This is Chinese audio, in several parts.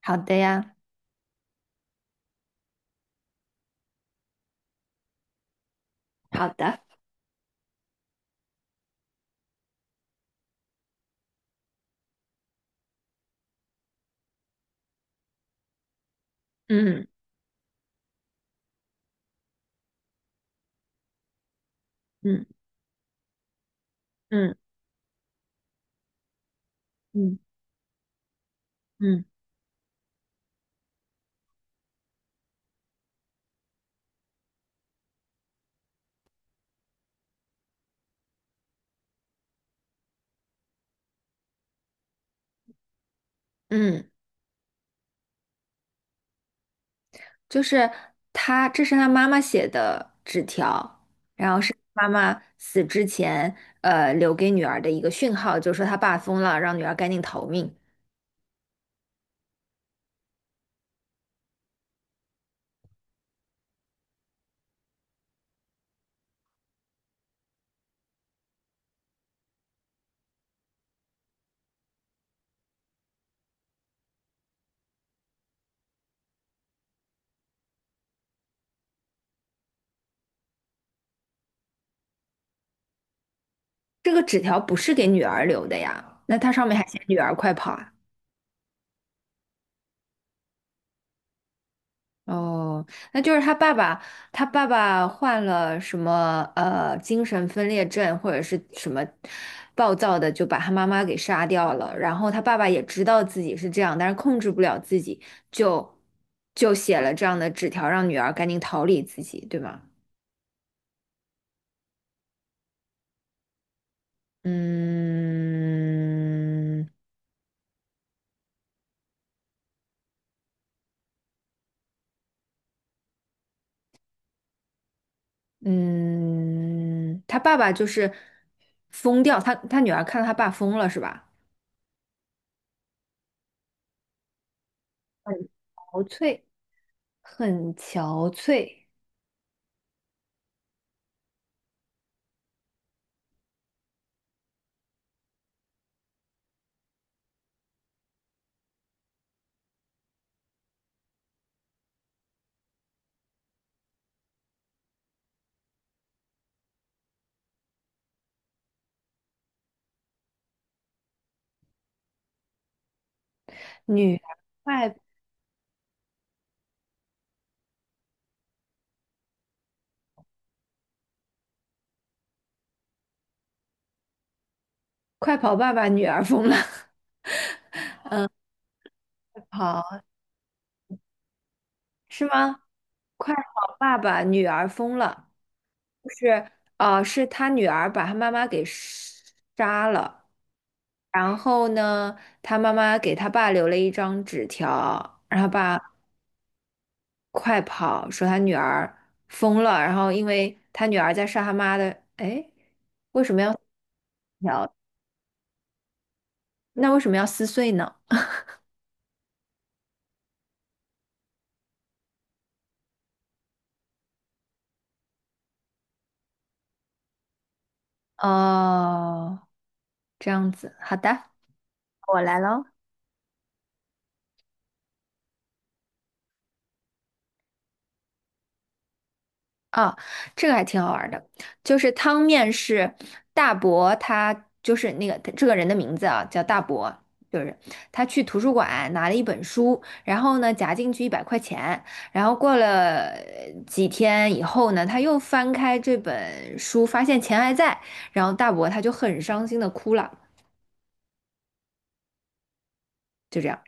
好的呀。好的。嗯嗯嗯嗯嗯嗯，就是这是他妈妈写的纸条，然后是妈妈死之前，留给女儿的一个讯号，就是说他爸疯了，让女儿赶紧逃命。这个纸条不是给女儿留的呀，那它上面还写女儿快跑啊。哦，那就是他爸爸，他爸爸患了什么精神分裂症或者是什么暴躁的，就把他妈妈给杀掉了。然后他爸爸也知道自己是这样，但是控制不了自己，就就写了这样的纸条，让女儿赶紧逃离自己，对吗？嗯。嗯，他爸爸就是疯掉，他女儿看到他爸疯了是吧？憔悴，很憔悴。女儿快快跑爸爸，女儿疯了。跑是吗？快跑爸爸，女儿疯了，就是是他女儿把他妈妈给杀了，然后呢，他妈妈给他爸留了一张纸条，让他爸快跑，说他女儿疯了，然后因为他女儿在杀他妈的，哎，为什么要条？那为什么要撕碎呢？哦，这样子，好的，我来喽。啊，这个还挺好玩儿的，就是汤面是大伯，他就是那个这个人的名字啊，叫大伯，就是他去图书馆拿了一本书，然后呢夹进去一百块钱，然后过了几天以后呢，他又翻开这本书，发现钱还在，然后大伯他就很伤心的哭了，就这样。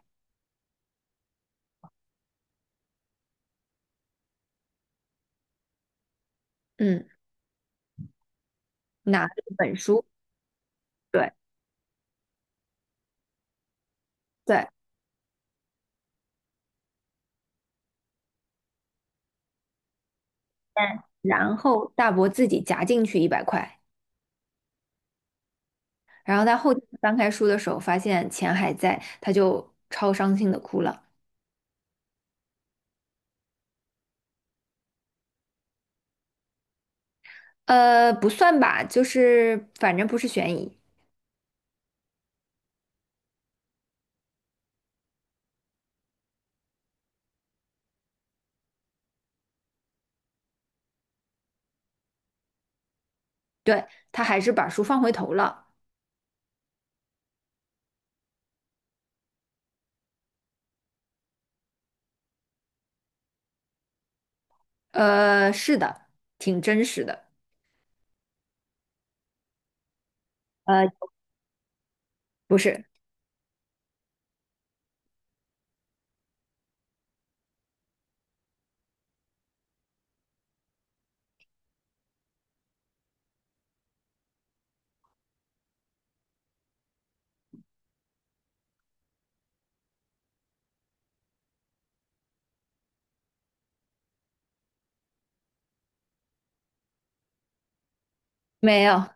嗯，拿了一本书。对对，然后大伯自己夹进去一百块。然后他后天翻开书的时候，发现钱还在，他就超伤心的哭了。不算吧，就是反正不是悬疑。对，他还是把书放回头了。呃，是的，挺真实的。呃，不是。没有。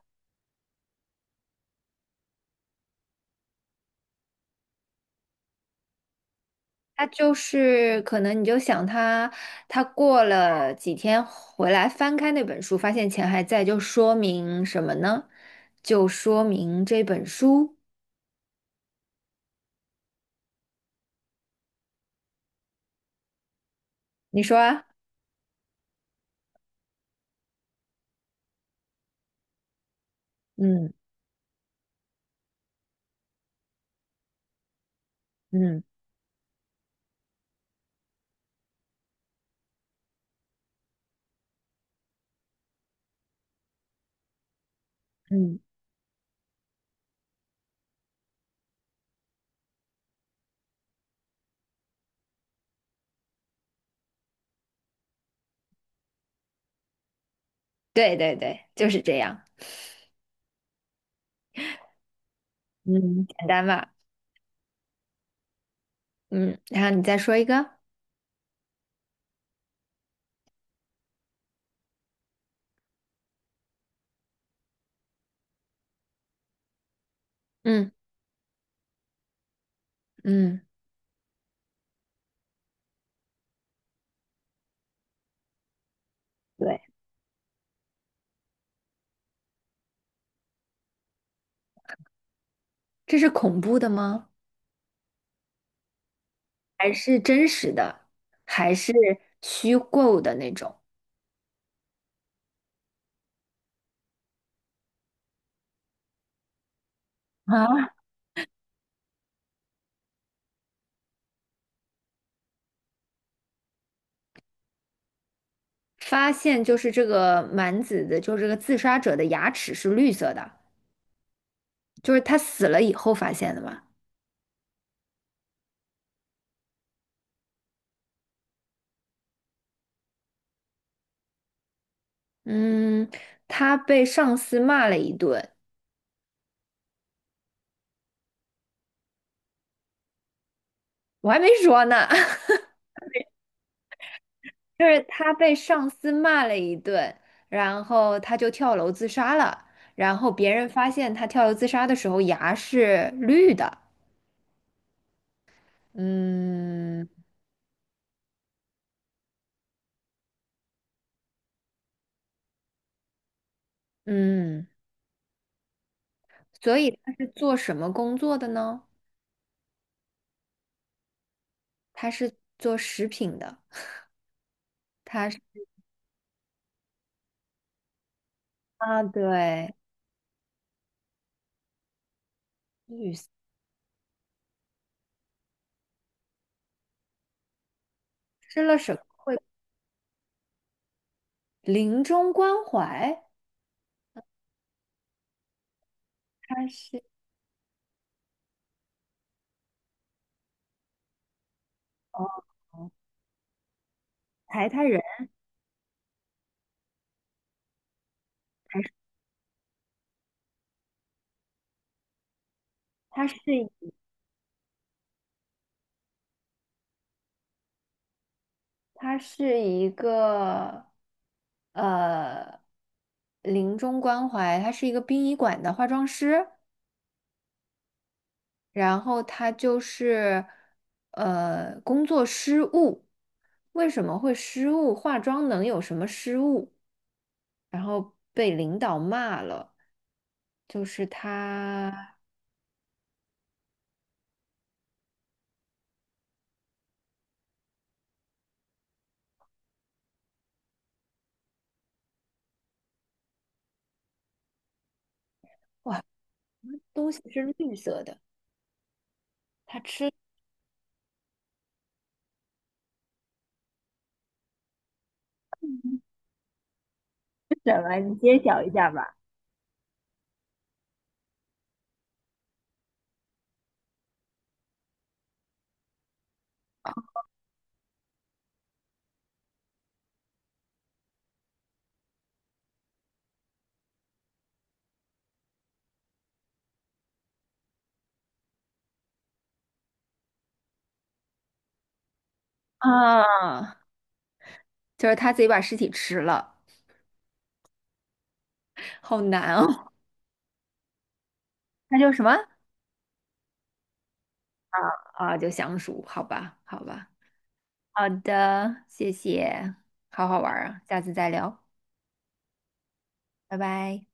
他就是可能你就想他，他过了几天回来翻开那本书，发现钱还在，就说明什么呢？就说明这本书，你说啊？嗯。嗯嗯。对对对，就是这样。嗯，简单吧？嗯，然后你再说一个。嗯。嗯，对，这是恐怖的吗？还是真实的？还是虚构的那种？啊，发现就是这个蛮子的，就是这个自杀者的牙齿是绿色的，就是他死了以后发现的嘛。嗯，他被上司骂了一顿，我还没说呢。就是他被上司骂了一顿，然后他就跳楼自杀了。然后别人发现他跳楼自杀的时候牙是绿的。嗯嗯。所以他是做什么工作的呢？他是做食品的，他是啊，对，女吃了什么会临终关怀？他是哦，抬台人还是他是？他是一个呃临终关怀，他是一个殡仪馆的化妆师，然后他就是工作失误，为什么会失误？化妆能有什么失误？然后被领导骂了，就是他哇，东西是绿色的，他吃是什么？你揭晓一下吧。啊，就是他自己把尸体吃了，好难哦。他就什么？啊，就相熟，好吧，好吧，好的，谢谢，好好玩儿啊，下次再聊，拜拜。